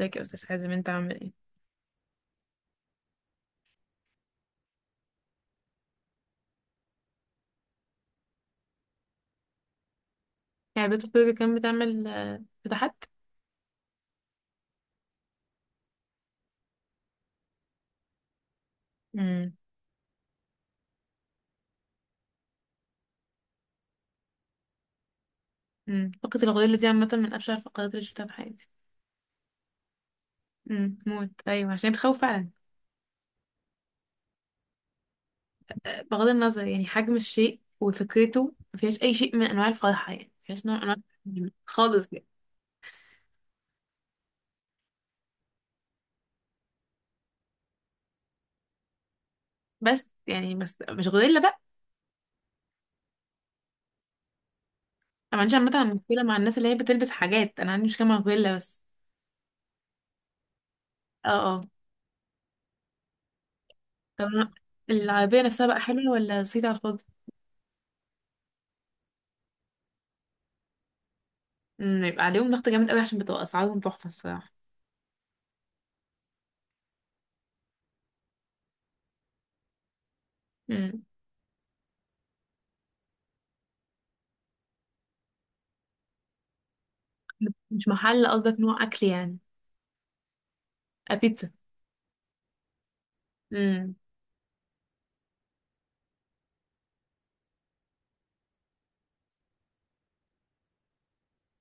ازيك يا استاذ حازم انت عامل ايه؟ يعني بيت برجر كان بتعمل فتحات. امم. فقرة الغوريلا دي عامة من أبشع الفقرات اللي شفتها في حياتي. موت، أيوة عشان بتخوف فعلا. بغض النظر يعني حجم الشيء وفكرته مفيهاش أي شيء من أنواع الفرحة، يعني مفيهاش نوع من أنواع التحميم خالص يعني. بس يعني بس مش غوريلا بقى. أنا ما عنديش عامة مشكلة مع الناس اللي هي بتلبس حاجات، أنا عندي مشكلة مع الغوريلا بس. اه. اه. طب العربية نفسها بقى حلوة ولا صيت على الفاضي؟ يبقى عليهم ضغط جامد قوي عشان بتبقى أسعارهم تحفة الصراحة. مم. مش محل قصدك نوع اكل يعني؟ بيتزا. امم.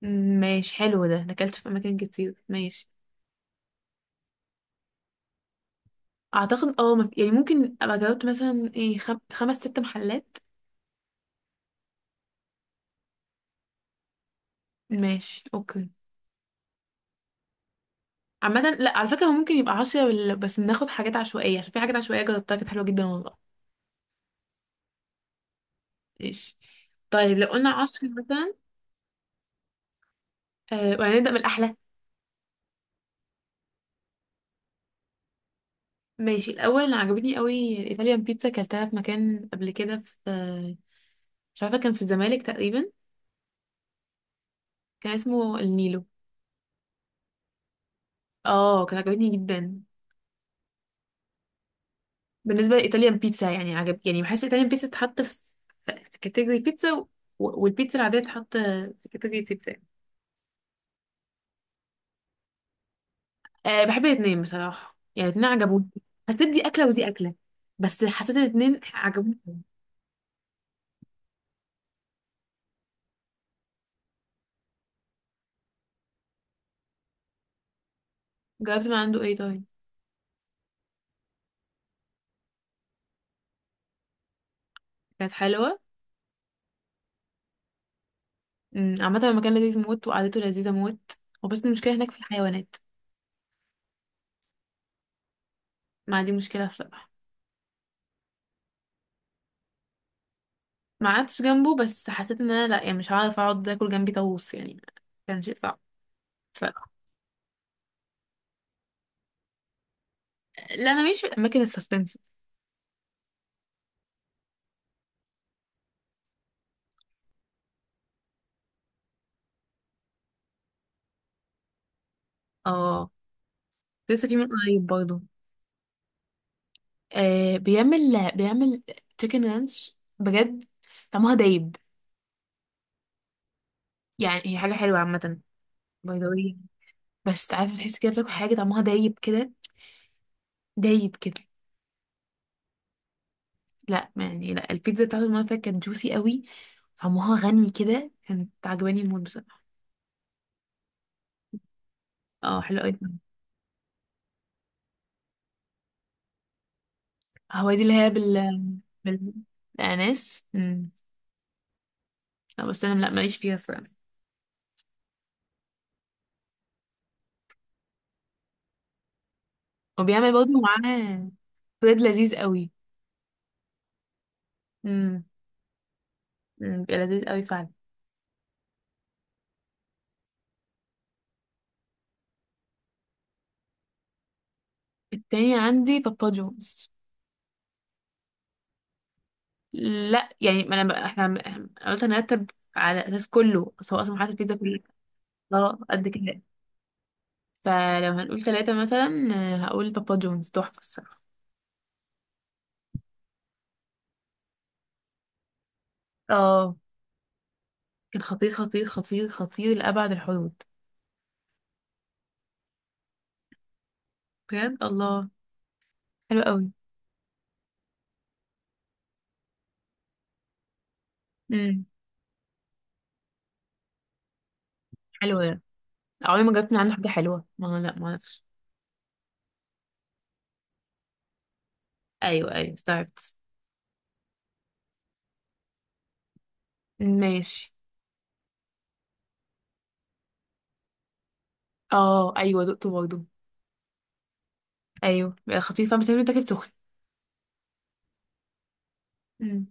ماشي حلو ده، انا اكلت في اماكن كتير ماشي. اعتقد يعني ممكن ابقى جاوبت مثلا ايه خمس ست محلات. ماشي اوكي. عامة لا، على فكرة هو ممكن يبقى عشرة بس ناخد حاجات عشوائية عشان في حاجات عشوائية جربتها كانت حلوة جدا والله. ماشي. طيب لو قلنا عشرة مثلا. وهنبدأ من الأحلى. ماشي الأول اللي عجبتني قوي الإيطاليان بيتزا، كلتها في مكان قبل كده في مش عارفة، كان في الزمالك تقريبا. كان اسمه النيلو. اه كانت عجبتني جدا. بالنسبه لايطاليان بيتزا يعني عجب، يعني بحس الايطاليان بيتزا تتحط في كاتيجوري بيتزا، والبيتزا العاديه تتحط في كاتيجوري بيتزا. بحب الاثنين بصراحه، يعني الاثنين عجبوني. حسيت دي اكله ودي اكله، بس حسيت ان الاثنين عجبوني. جربت من عنده ايه طيب؟ كانت حلوه. عامه المكان لذيذ موت وقعدته لذيذه موت، وبس المشكله هناك في الحيوانات. ما دي مشكله بصراحه. ما قعدتش جنبه بس حسيت ان انا لا، يعني مش هعرف اقعد اكل جنبي طاووس يعني. كان شيء صعب. لا، انا مش في الاماكن السسبنس. اه، لسه في من قريب برضه. بيعمل تشيكن رانش بجد طعمها دايب. يعني هي حاجه حلوه عامه، بيضاويه. بس عارفه تحس كده بتاكل حاجه طعمها دايب كده دايب كده. لا يعني لا، البيتزا بتاعته المره اللي فاتت كانت جوسي قوي. طعمها غني كده، كانت عجباني الموت بصراحه. اه، حلوه قوي. هو دي اللي هي بال بالاناناس. أمم. لا بس انا لا، ماليش فيها الصراحه. وبيعمل برضه معاه بريد لذيذ قوي. مم. بيبقى لذيذ قوي فعلا. التاني عندي بابا جونز. لا يعني ما انا بقى، احنا انا قلت هنرتب على اساس كله، بس هو اصلا حاطط البيتزا كلها. اه، قد كده. فلو هنقول ثلاثة مثلا، هقول بابا جونز تحفة الصراحة. اه، كان خطير خطير خطير خطير لأبعد الحدود. بجد الله. حلو قوي. امم. حلو ده. عمري ما جبت من عنده حاجة حلوة، ما لا ما اعرفش. ايوه، ايوه استوعبت. ماشي. اه ايوه، دقته برضه. ايوه بيبقى خطير فاهم، بس لازم يتاكل سخن. مم.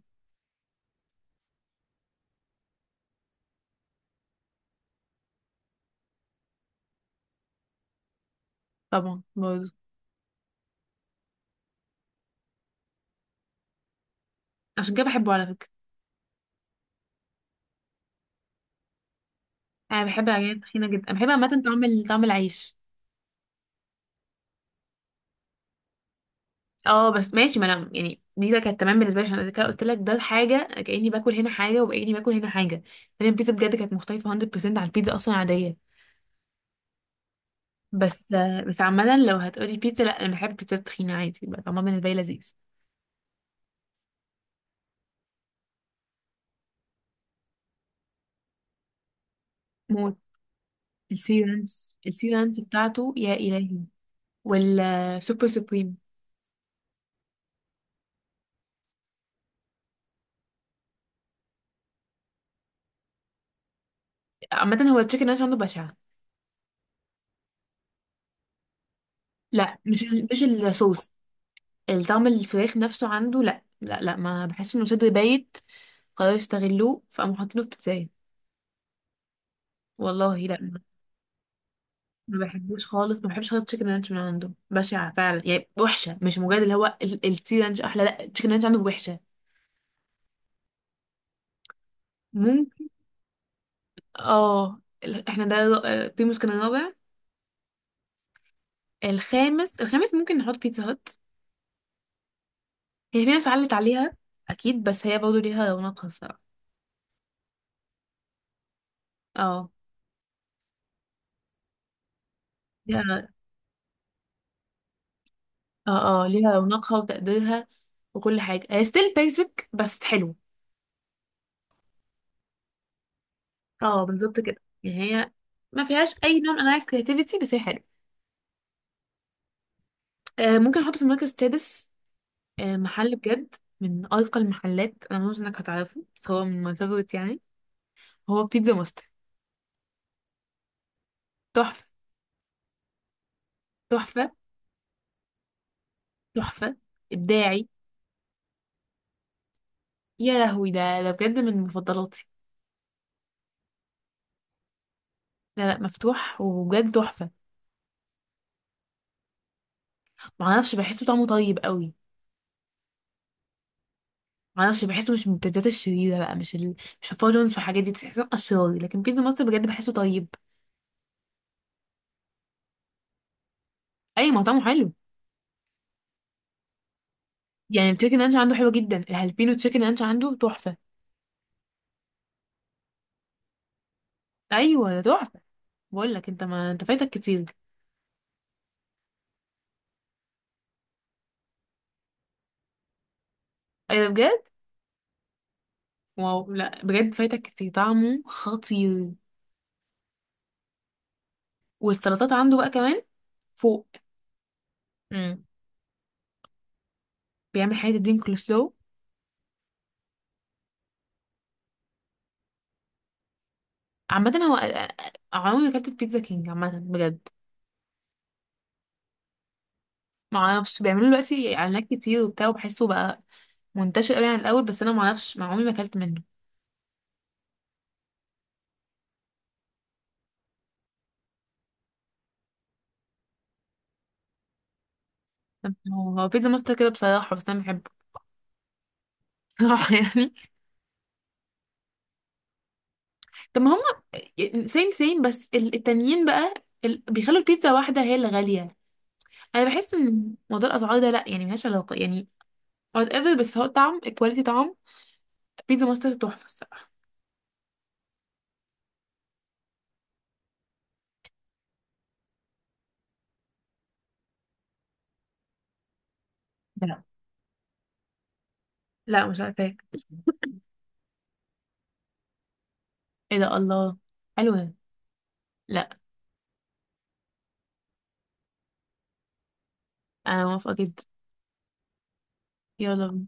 طبعا برضه. عشان كده بحبه على فكرة. انا بحب العجينة التخينة جدا، بحب عامة طعم طعم العيش. اه بس ماشي، ما انا يعني دي بقى كانت تمام بالنسبة لي، عشان أنا كده قلت لك ده حاجة كأني باكل هنا حاجة وكأني باكل هنا حاجة. فانا البيتزا بجد كانت مختلفة 100% عن البيتزا اصلا عادية. بس بس عامة لو هتقولي بيتزا، لا انا بحب البيتزا التخينة عادي بقى طعمها بالنسبة لي لذيذ. موت. السي رانش، السي رانش بتاعته يا إلهي. والسوبر سوبريم. عامة هو التشيكن رانش عنده بشعة. لا مش مش الصوص. الطعم، الفراخ نفسه عنده، لا لا لا، ما بحس انه صدر بايت. قرروا يستغلوه فقاموا حاطينه في بيتزاية. والله لا، ما بحبوش خالص، ما بحبش خالص تشيكن رانش من عنده بشعة فعلا، يعني وحشة، مش مجرد اللي هو التي رانش احلى، لا التشيكن رانش عنده وحشة. ممكن. اه احنا ده بيموس كان الرابع. الخامس، الخامس ممكن نحط بيتزا هات. هي في ناس علت عليها اكيد، بس هي برضه ليها رونقها الصراحة. اه ليها اه اه ليها رونقها وتقديرها وكل حاجة، هي ستيل بيزك بس حلوة. اه بالظبط كده، يعني هي ما فيهاش اي نوع من انواع الكرياتيفيتي بس هي حلوه. ممكن احط في المركز السادس. محل بجد، من ارقى المحلات، انا مش انك هتعرفه بس هو من ماي فيفورت يعني. هو بيتزا ماستر. تحفه، تحفه، تحفه. ابداعي. يا لهوي، ده بجد من مفضلاتي. لا لا، مفتوح وبجد تحفه. معرفش، بحسه طعمه طيب قوي. معرفش، بحسه مش من البيتزات الشريره بقى، مش مش الفاجونز والحاجات دي تحسه اشرار، لكن بيتزا ماستر بجد بحسه طيب. اي، مطعمه حلو. يعني التشيكن رانش عنده حلو جدا، الهالبينو تشيكن رانش عنده تحفة. ايوه ده تحفة. بقول لك انت، ما انت فايتك كتير. ايه ده بجد؟ واو، لا بجد فايتك كتير، طعمه خطير. والسلطات عنده بقى كمان فوق. امم. بيعمل حاجة الدين كولسلو. عامة هو عمري ما اكلت في بيتزا كينج عامة بجد. ما اعرفش، بيعملوا دلوقتي اعلانات كتير وبتاع، وبحسه بقى منتشر قوي عن الاول، بس انا ما اعرفش، ما عمري ما اكلت منه. هو بيتزا ماستر كده بصراحة، بس انا بحبه يعني. طب ما هم سيم سيم، بس التانيين بقى بيخلوا البيتزا واحدة هي اللي غالية. انا بحس ان موضوع الاسعار ده لا، يعني ملهاش علاقة يعني. وات ايفر، بس هو الطعم، الكواليتي طعم. بيتزا ماستر تحفة الصراحة. لا لا، مش عارفة ايه. إيه ده، الله حلوة. لا، انا موافقة جدا. يلا بينا.